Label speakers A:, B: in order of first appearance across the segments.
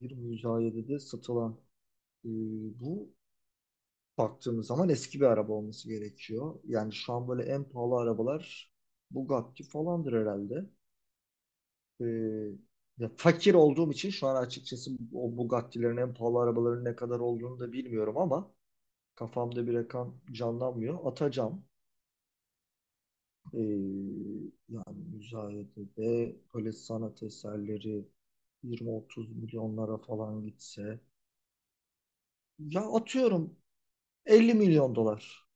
A: Bir müzayedede satılan e, bu baktığımız zaman eski bir araba olması gerekiyor. Yani şu an böyle en pahalı arabalar Bugatti falandır herhalde. E, ya fakir olduğum için şu an açıkçası o Bugatti'lerin en pahalı arabaların ne kadar olduğunu da bilmiyorum ama kafamda bir rakam canlanmıyor. Atacağım. E, yani müzayedede böyle sanat eserleri 20-30 milyonlara falan gitse ya atıyorum 50 milyon dolar.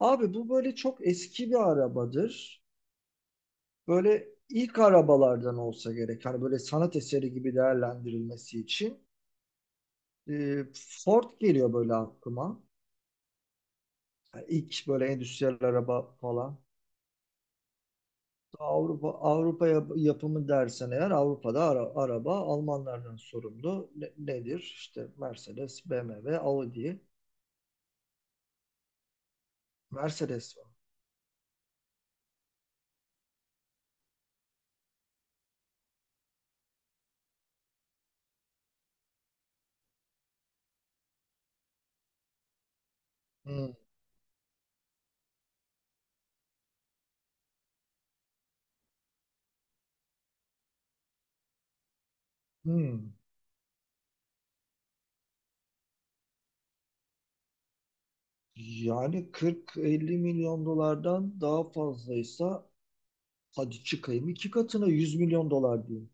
A: Abi bu böyle çok eski bir arabadır. Böyle ilk arabalardan olsa gerek. Hani böyle sanat eseri gibi değerlendirilmesi için. Ee, Ford geliyor böyle aklıma. Yani ilk böyle endüstriyel araba falan. Avrupa yapımı dersen eğer Avrupa'da araba Almanlardan sorumlu. Nedir? İşte Mercedes, BMW, Audi. Mercedes var. Hmm. Hmm. Yani 40-50 milyon dolardan daha fazlaysa, hadi çıkayım iki katına 100 milyon dolar diyeyim.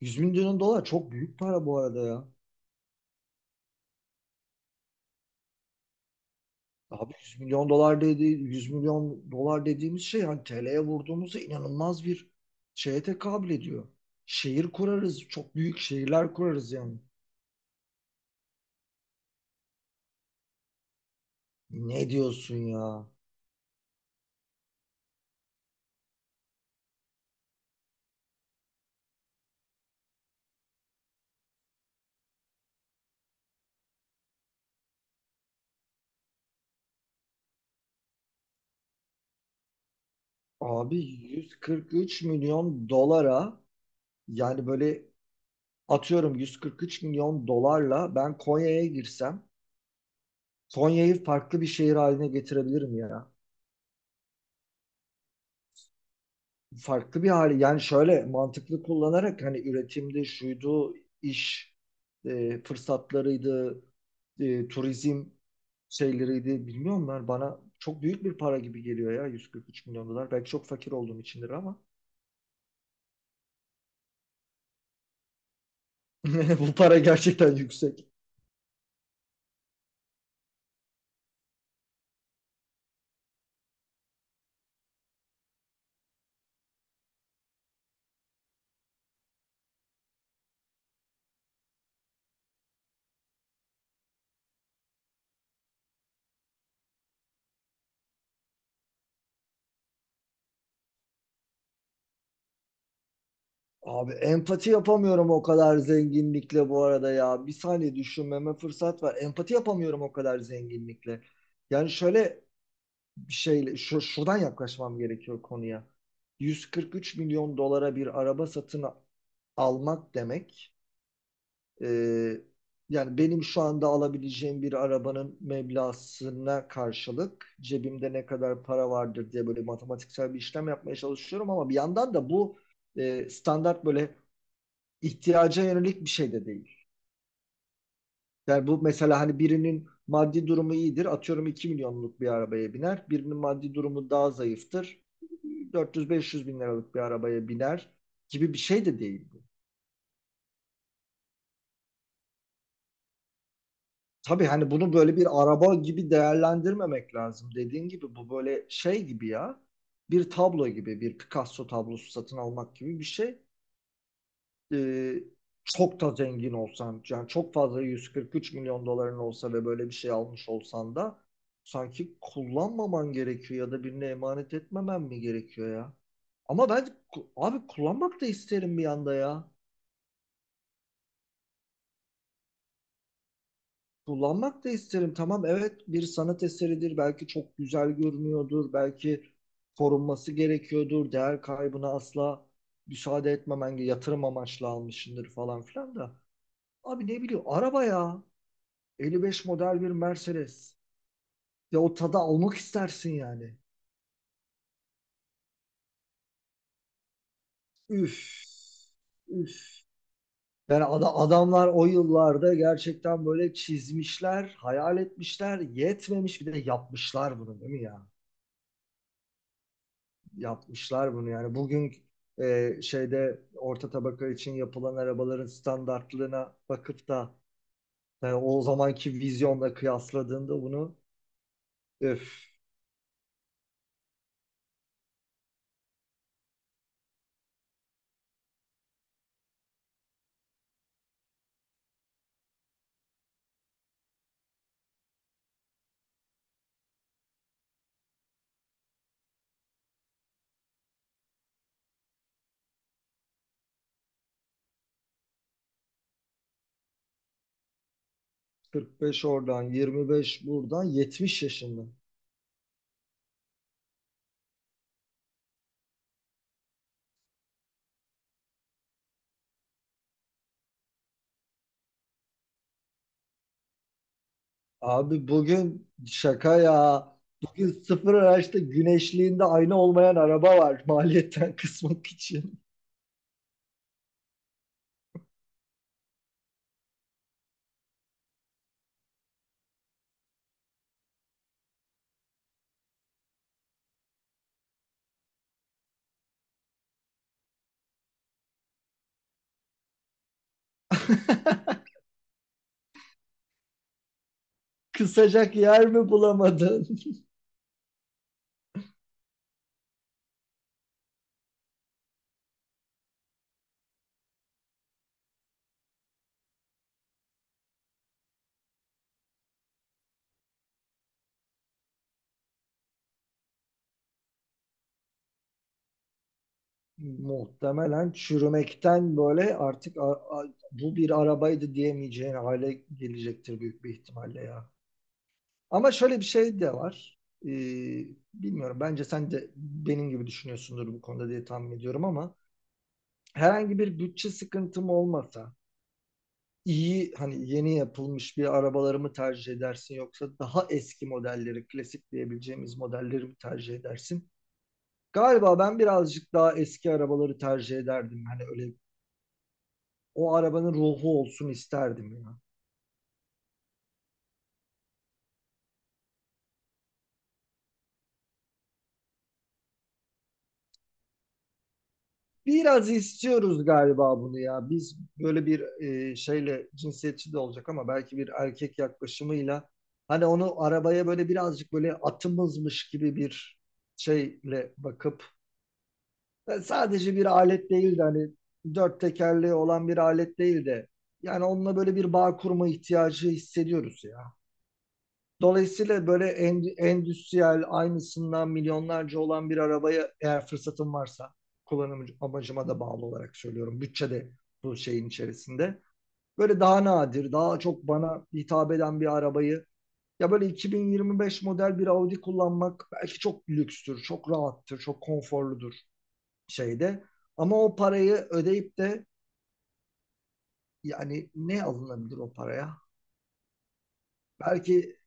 A: 100 milyon dolar çok büyük para bu arada ya. Abi 100 milyon dolar dedi, 100 milyon dolar dediğimiz şey hani TL'ye vurduğumuzda inanılmaz bir şeye tekabül ediyor. Şehir kurarız, çok büyük şehirler kurarız yani. Ne diyorsun ya? Abi 143 milyon dolara, yani böyle atıyorum 143 milyon dolarla ben Konya'ya girsem Konya'yı farklı bir şehir haline getirebilirim ya. Farklı bir hali, yani şöyle mantıklı kullanarak hani üretimde şuydu, iş fırsatlarıydı, turizm şeyleriydi, bilmiyorum, ben bana çok büyük bir para gibi geliyor ya 143 milyon dolar, belki çok fakir olduğum içindir ama bu para gerçekten yüksek. Abi empati yapamıyorum o kadar zenginlikle bu arada ya. Bir saniye düşünmeme fırsat var. Empati yapamıyorum o kadar zenginlikle. Yani şöyle bir şeyle şu, şuradan yaklaşmam gerekiyor konuya. 143 milyon dolara bir araba satın almak demek, e, yani benim şu anda alabileceğim bir arabanın meblağına karşılık cebimde ne kadar para vardır diye böyle matematiksel bir işlem yapmaya çalışıyorum ama bir yandan da bu standart, böyle ihtiyaca yönelik bir şey de değil. Yani bu mesela, hani birinin maddi durumu iyidir. Atıyorum 2 milyonluk bir arabaya biner. Birinin maddi durumu daha zayıftır. 400-500 bin liralık bir arabaya biner gibi bir şey de değil bu. Tabii, hani bunu böyle bir araba gibi değerlendirmemek lazım. Dediğin gibi bu böyle şey gibi ya. Bir tablo gibi, bir Picasso tablosu satın almak gibi bir şey. e, çok da zengin olsan, yani çok fazla 143 milyon doların olsa ve böyle bir şey almış olsan da, sanki kullanmaman gerekiyor ya da birine emanet etmemen mi gerekiyor ya? Ama ben abi, kullanmak da isterim bir anda ya. Kullanmak da isterim. Tamam, evet, bir sanat eseridir. Belki çok güzel görünüyordur. Belki korunması gerekiyordur. Değer kaybına asla müsaade etmemen, yatırım amaçlı almışsındır falan filan da. Abi ne bileyim, araba ya. 55 model bir Mercedes. Ya, o tadı almak istersin yani. Üf. Üf. Yani adamlar o yıllarda gerçekten böyle çizmişler, hayal etmişler, yetmemiş bir de yapmışlar bunu, değil mi ya? Yapmışlar bunu yani. Bugün şeyde, orta tabaka için yapılan arabaların standartlığına bakıp da, yani o zamanki vizyonla kıyasladığında bunu, öf, 45 oradan, 25 buradan, 70 yaşında. Abi bugün şaka ya. Bugün sıfır araçta güneşliğinde ayna olmayan araba var maliyetten kısmak için. Kısacak yer mi bulamadın? Muhtemelen çürümekten böyle artık bu bir arabaydı diyemeyeceğin hale gelecektir büyük bir ihtimalle ya. Ama şöyle bir şey de var. Ee, bilmiyorum, bence sen de benim gibi düşünüyorsundur bu konuda diye tahmin ediyorum, ama herhangi bir bütçe sıkıntım olmasa, iyi hani, yeni yapılmış bir arabaları mı tercih edersin, yoksa daha eski modelleri, klasik diyebileceğimiz modelleri mi tercih edersin? Galiba ben birazcık daha eski arabaları tercih ederdim. Hani öyle, o arabanın ruhu olsun isterdim ya. Biraz istiyoruz galiba bunu ya. Biz böyle bir şeyle, cinsiyetçi de olacak ama, belki bir erkek yaklaşımıyla, hani onu arabaya böyle birazcık böyle atımızmış gibi bir şeyle bakıp. Yani sadece bir alet değil de, hani dört tekerleği olan bir alet değil de, yani onunla böyle bir bağ kurma ihtiyacı hissediyoruz ya. Dolayısıyla böyle endüstriyel, aynısından milyonlarca olan bir arabaya, eğer fırsatım varsa, kullanım amacıma da bağlı olarak söylüyorum. Bütçe de bu şeyin içerisinde. Böyle daha nadir, daha çok bana hitap eden bir arabayı, ya böyle 2025 model bir Audi kullanmak belki çok lükstür, çok rahattır, çok konforludur şeyde. Ama o parayı ödeyip de, yani ne alınabilir o paraya? Belki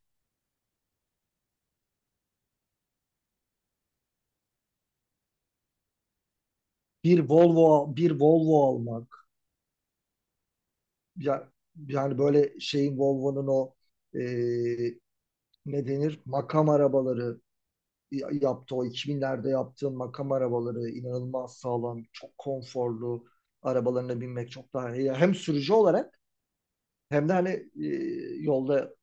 A: bir Volvo, bir Volvo almak. Ya, yani böyle şeyin, Volvo'nun o, e, ne denir? Makam arabaları yaptı. O 2000'lerde yaptığın makam arabaları inanılmaz sağlam, çok konforlu arabalarına binmek çok daha iyi. Hem sürücü olarak, hem de hani yolda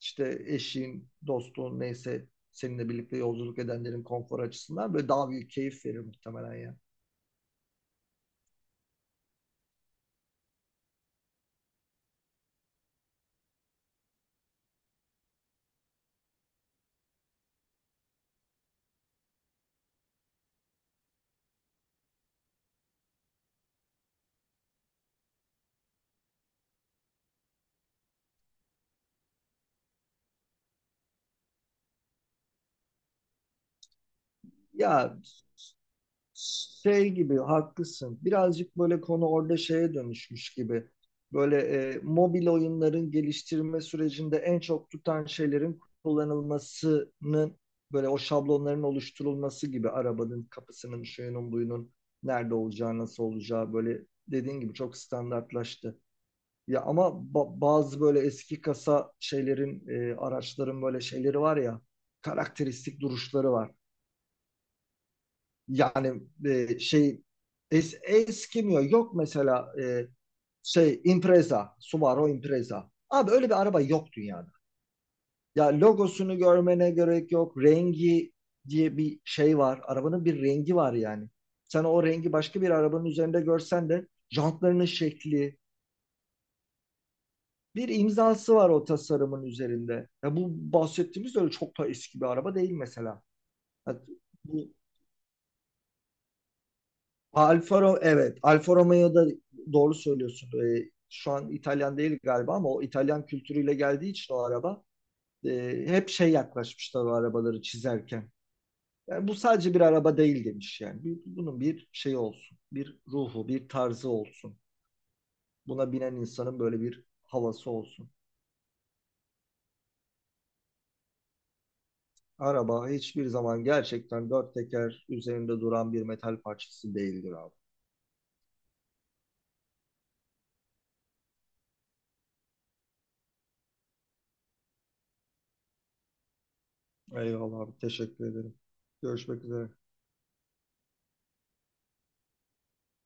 A: işte eşin, dostun, neyse seninle birlikte yolculuk edenlerin konfor açısından böyle daha büyük keyif verir muhtemelen ya. Ya, şey gibi haklısın. Birazcık böyle konu orada şeye dönüşmüş gibi. Böyle mobil oyunların geliştirme sürecinde en çok tutan şeylerin kullanılmasının, böyle o şablonların oluşturulması gibi, arabanın kapısının, şuyunun, buyunun nerede olacağı, nasıl olacağı, böyle dediğin gibi çok standartlaştı. Ya ama bazı böyle eski kasa şeylerin, araçların böyle şeyleri var ya, karakteristik duruşları var. Yani şey eskimiyor. Yok mesela şey, Impreza, Subaru Impreza. Abi öyle bir araba yok dünyada. Ya, logosunu görmene gerek yok. Rengi diye bir şey var. Arabanın bir rengi var yani. Sen o rengi başka bir arabanın üzerinde görsen de, jantlarının şekli, bir imzası var o tasarımın üzerinde. Ya, bu bahsettiğimiz öyle çok da eski bir araba değil mesela. Ya bu Alfa Romeo, evet, Alfa Romeo'da doğru söylüyorsun. Şu an İtalyan değil galiba, ama o İtalyan kültürüyle geldiği için o araba, hep şey yaklaşmışlar o arabaları çizerken. Yani bu sadece bir araba değil demiş yani. Bunun bir şeyi olsun, bir ruhu, bir tarzı olsun. Buna binen insanın böyle bir havası olsun. Araba hiçbir zaman gerçekten dört teker üzerinde duran bir metal parçası değildir abi. Eyvallah abi, teşekkür ederim. Görüşmek üzere.